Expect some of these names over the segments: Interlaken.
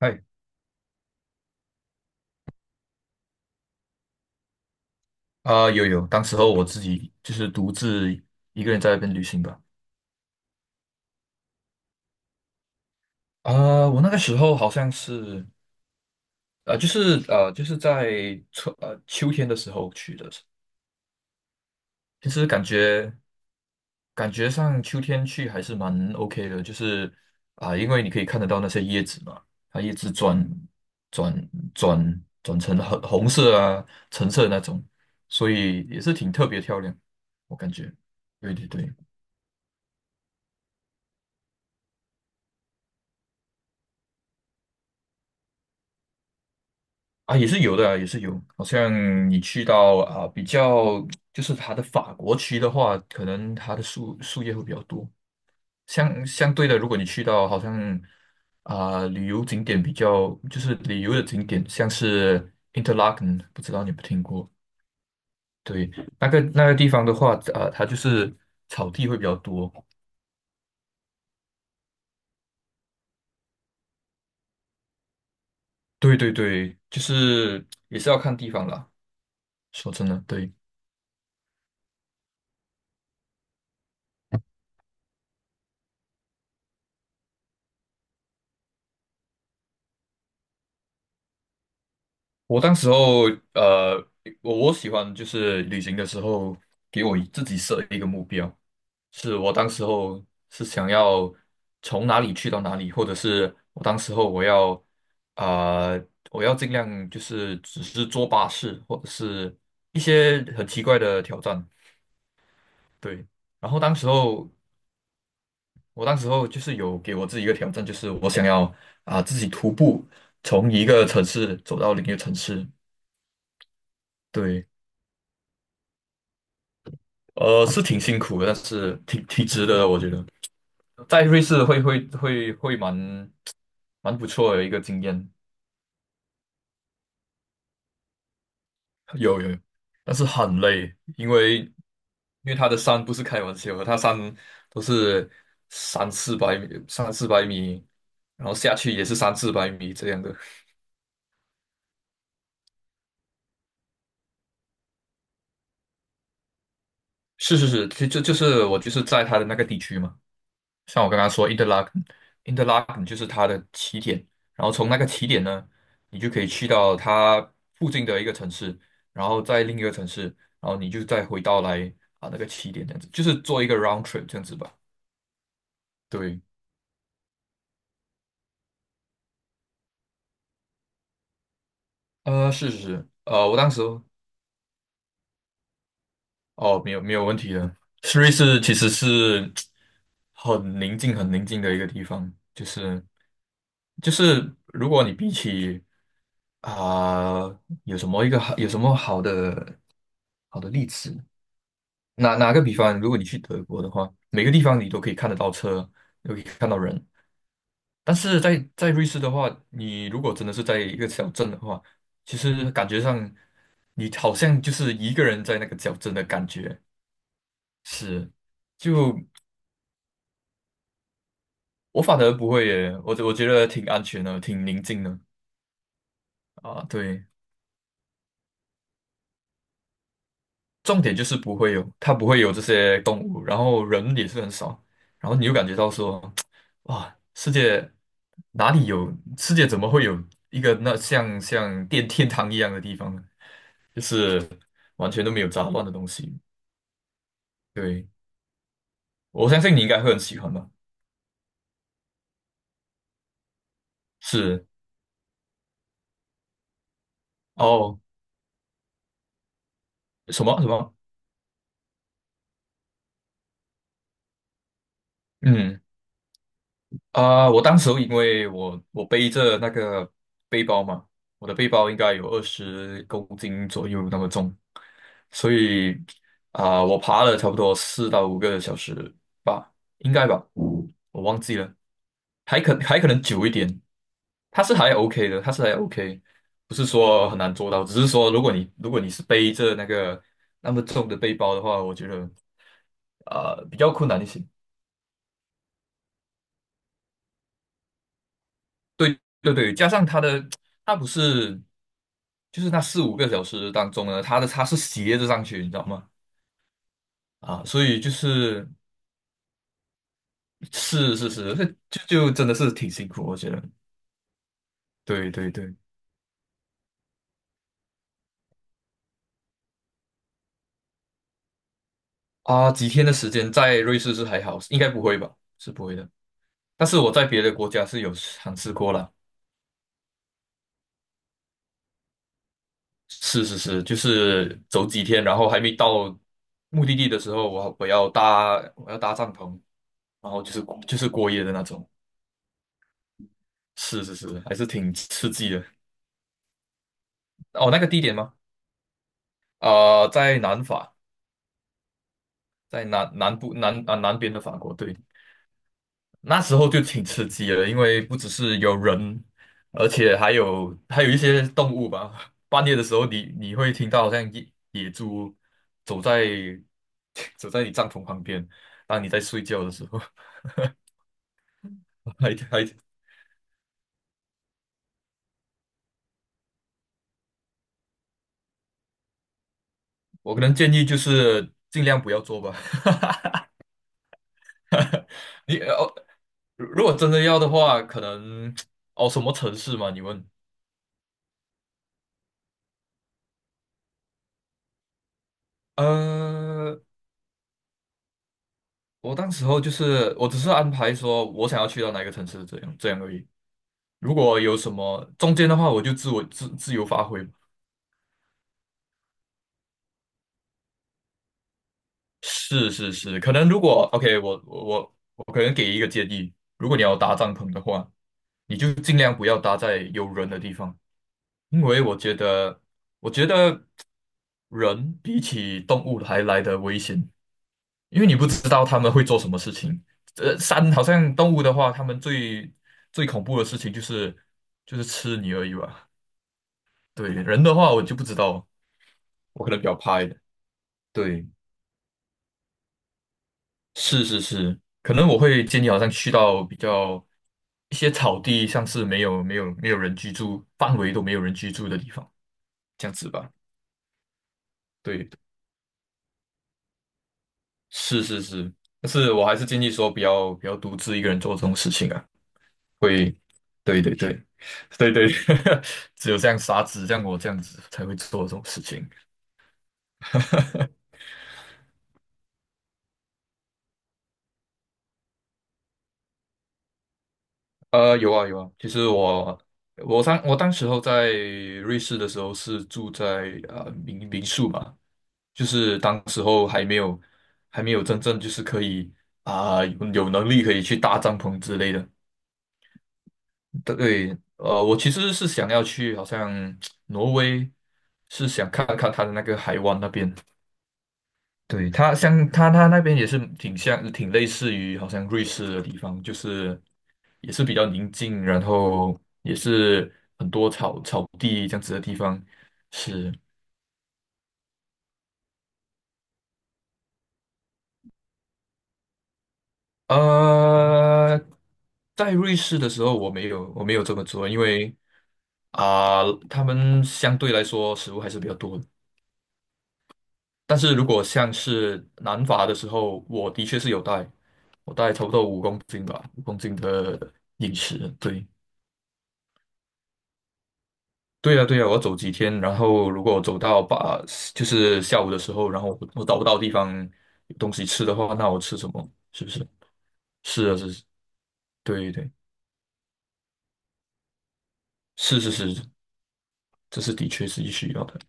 嗨，有，当时候我自己就是独自一个人在那边旅行吧。我那个时候好像是，就是在秋天的时候去的，其实感觉感觉上秋天去还是蛮 OK 的，就是因为你可以看得到那些叶子嘛，它叶子转成红红色啊、橙色那种，所以也是挺特别漂亮，我感觉。对对对。也是有的啊，也是有。好像你去到比较就是它的法国区的话，可能它的树叶会比较多。相对的，如果你去到好像旅游景点比较，就是旅游的景点，像是 Interlaken,不知道你有没有听过？对，那个那个地方的话，它就是草地会比较多。对对对，就是也是要看地方啦。说真的，对。我当时候，呃，我喜欢就是旅行的时候，给我自己设一个目标，是我当时候是想要从哪里去到哪里，或者是我当时候我要我要尽量就是只是坐巴士，或者是一些很奇怪的挑战，对。然后当时候，我当时候就是有给我自己一个挑战，就是我想要自己徒步从一个城市走到另一个城市，对。是挺辛苦的，但是挺挺值得的，我觉得在瑞士会蛮蛮不错的一个经验，有有，有但是很累，因为它的山不是开玩笑的，它山都是三四百米，三四百米，然后下去也是三四百米这样的。是是是，就是我就是在它的那个地区嘛。像我刚刚说 Interlaken Interlak 就是它的起点，然后从那个起点呢，你就可以去到它附近的一个城市，然后在另一个城市，然后你就再回到来那个起点这样子，就是做一个 round trip 这样子吧。对，是是是，我当时哦，没有没有问题的，瑞士其实是很宁静很宁静的一个地方，就是就是如果你比起啊、有什么一个好有什么好的好的例子？哪哪个比方，如果你去德国的话，每个地方你都可以看得到车，都可以看到人。但是在在瑞士的话，你如果真的是在一个小镇的话，其实感觉上你好像就是一个人在那个小镇的感觉。是，就我反而不会耶，我觉得挺安全的，挺宁静的啊。对，重点就是不会有，它不会有这些动物，然后人也是很少，然后你就感觉到说，哇，世界哪里有，世界怎么会有一个那像像电天堂一样的地方呢？就是完全都没有杂乱的东西。对，我相信你应该会很喜欢吧？是，哦，什么什么？嗯。我当时候因为我我背着那个背包嘛，我的背包应该有20公斤左右那么重，所以我爬了差不多4到5个小时吧，应该吧，我忘记了，还可还可能久一点，它是还 OK 的，它是还 OK,不是说很难做到，只是说如果你如果你是背着那个那么重的背包的话，我觉得比较困难一些。对对对，加上他的，他不是，就是那4、5个小时当中呢，他的他是斜着上去，你知道吗？啊，所以就是是是是，这就真的是挺辛苦，我觉得。对对对，啊，几天的时间在瑞士是还好，应该不会吧？是不会的。但是我在别的国家是有尝试过了，是是是，就是走几天，然后还没到目的地的时候，我要搭帐篷，然后就是过夜的那种。是是是，还是挺刺激的。哦，那个地点吗？在南法，在南南部南啊、南边的法国。对，那时候就挺刺激的，因为不只是有人，而且还有还有一些动物吧。半夜的时候你，你会听到好像野野猪走在 走在你帐篷旁边，当你在睡觉的时候，还还我可能建议就是尽量不要做吧。你哦如如果真的要的话，可能 哦，什么城市嘛？你问。呃，我当时候就是我只是安排说我想要去到哪个城市，这样这样而已。如果有什么中间的话，我自自由发挥。是是是，可能如果 OK,我可能给一个建议，如果你要搭帐篷的话，你就尽量不要搭在有人的地方，因为我觉得我觉得人比起动物还来得危险。因为你不知道他们会做什么事情。山好像动物的话，他们最最恐怖的事情就是吃你而已吧。对，人的话我就不知道，我可能比较怕一点。对，是是是，可能我会建议好像去到比较一些草地，像是没有人居住范围都没有人居住的地方，这样子吧。对，是是是，但是我还是建议说不要独自一个人做这种事情啊。会，对对对，对对，只有这样傻子，像我这样子才会做这种事情。呃，有啊有啊，其实我我当时候在瑞士的时候是住在民民宿嘛，就是当时候还没有真正就是可以有有能力可以去搭帐篷之类的。对，我其实是想要去好像 挪威，是想看看它的那个海湾那边，对，它像它它那边也是挺像，挺类似于好像瑞士的地方，就是也是比较宁静，然后也是很多草草地这样子的地方。是，呃，在瑞士的时候我没有这么做，因为他们相对来说食物还是比较多的。但是如果像是南法的时候，我的确是有带，我带差不多五公斤吧，五公斤的饮食，对。对呀，对呀，我要走几天，然后如果我走到把就是下午的时候，然后我找不到地方有东西吃的话，那我吃什么？是不是？是啊，是，对对，是是是，这是的确是需要的。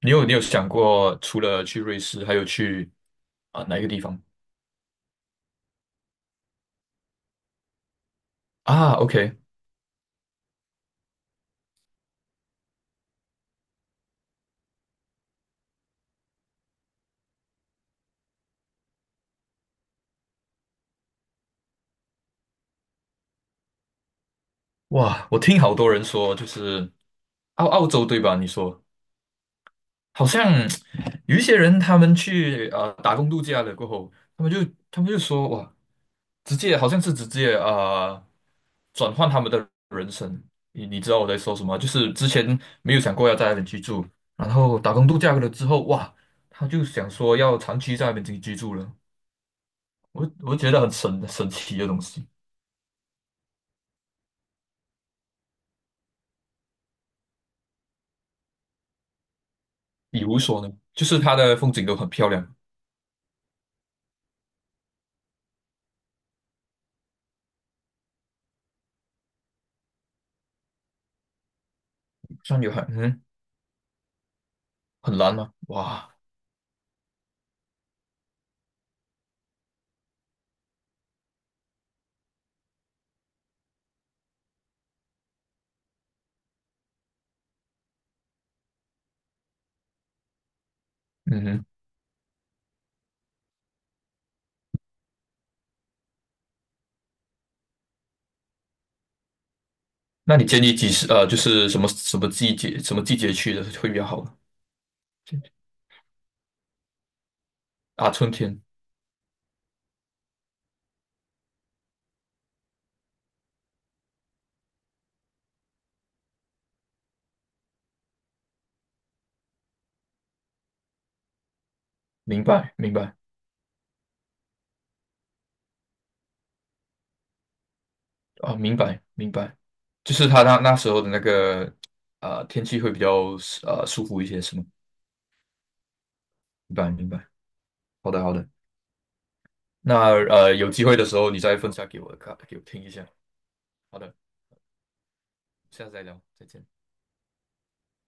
你有你有想过，除了去瑞士，还有去哪一个地方啊？OK,哇，我听好多人说，就是澳洲对吧？你说好像有一些人他们去打工度假了过后，他们就他们就说哇。直接好像是直接呃转换他们的人生。你你知道我在说什么？就是之前没有想过要在那边居住，然后打工度假了之后，哇，他就想说要长期在那边居住了。我我觉得很神神奇的东西。比如说呢，就是它的风景都很漂亮，山有海，嗯，很蓝吗？哇，嗯哼，那你建议几时？就是什么什么季节，什么季节去的会比较好呢啊，春天，明白明白。哦，明白明白，就是他那那时候的那个天气会比较舒服一些，是吗？明白明白，好的好的，那有机会的时候你再分享给我看，给我听一下。好的，下次再聊，再见。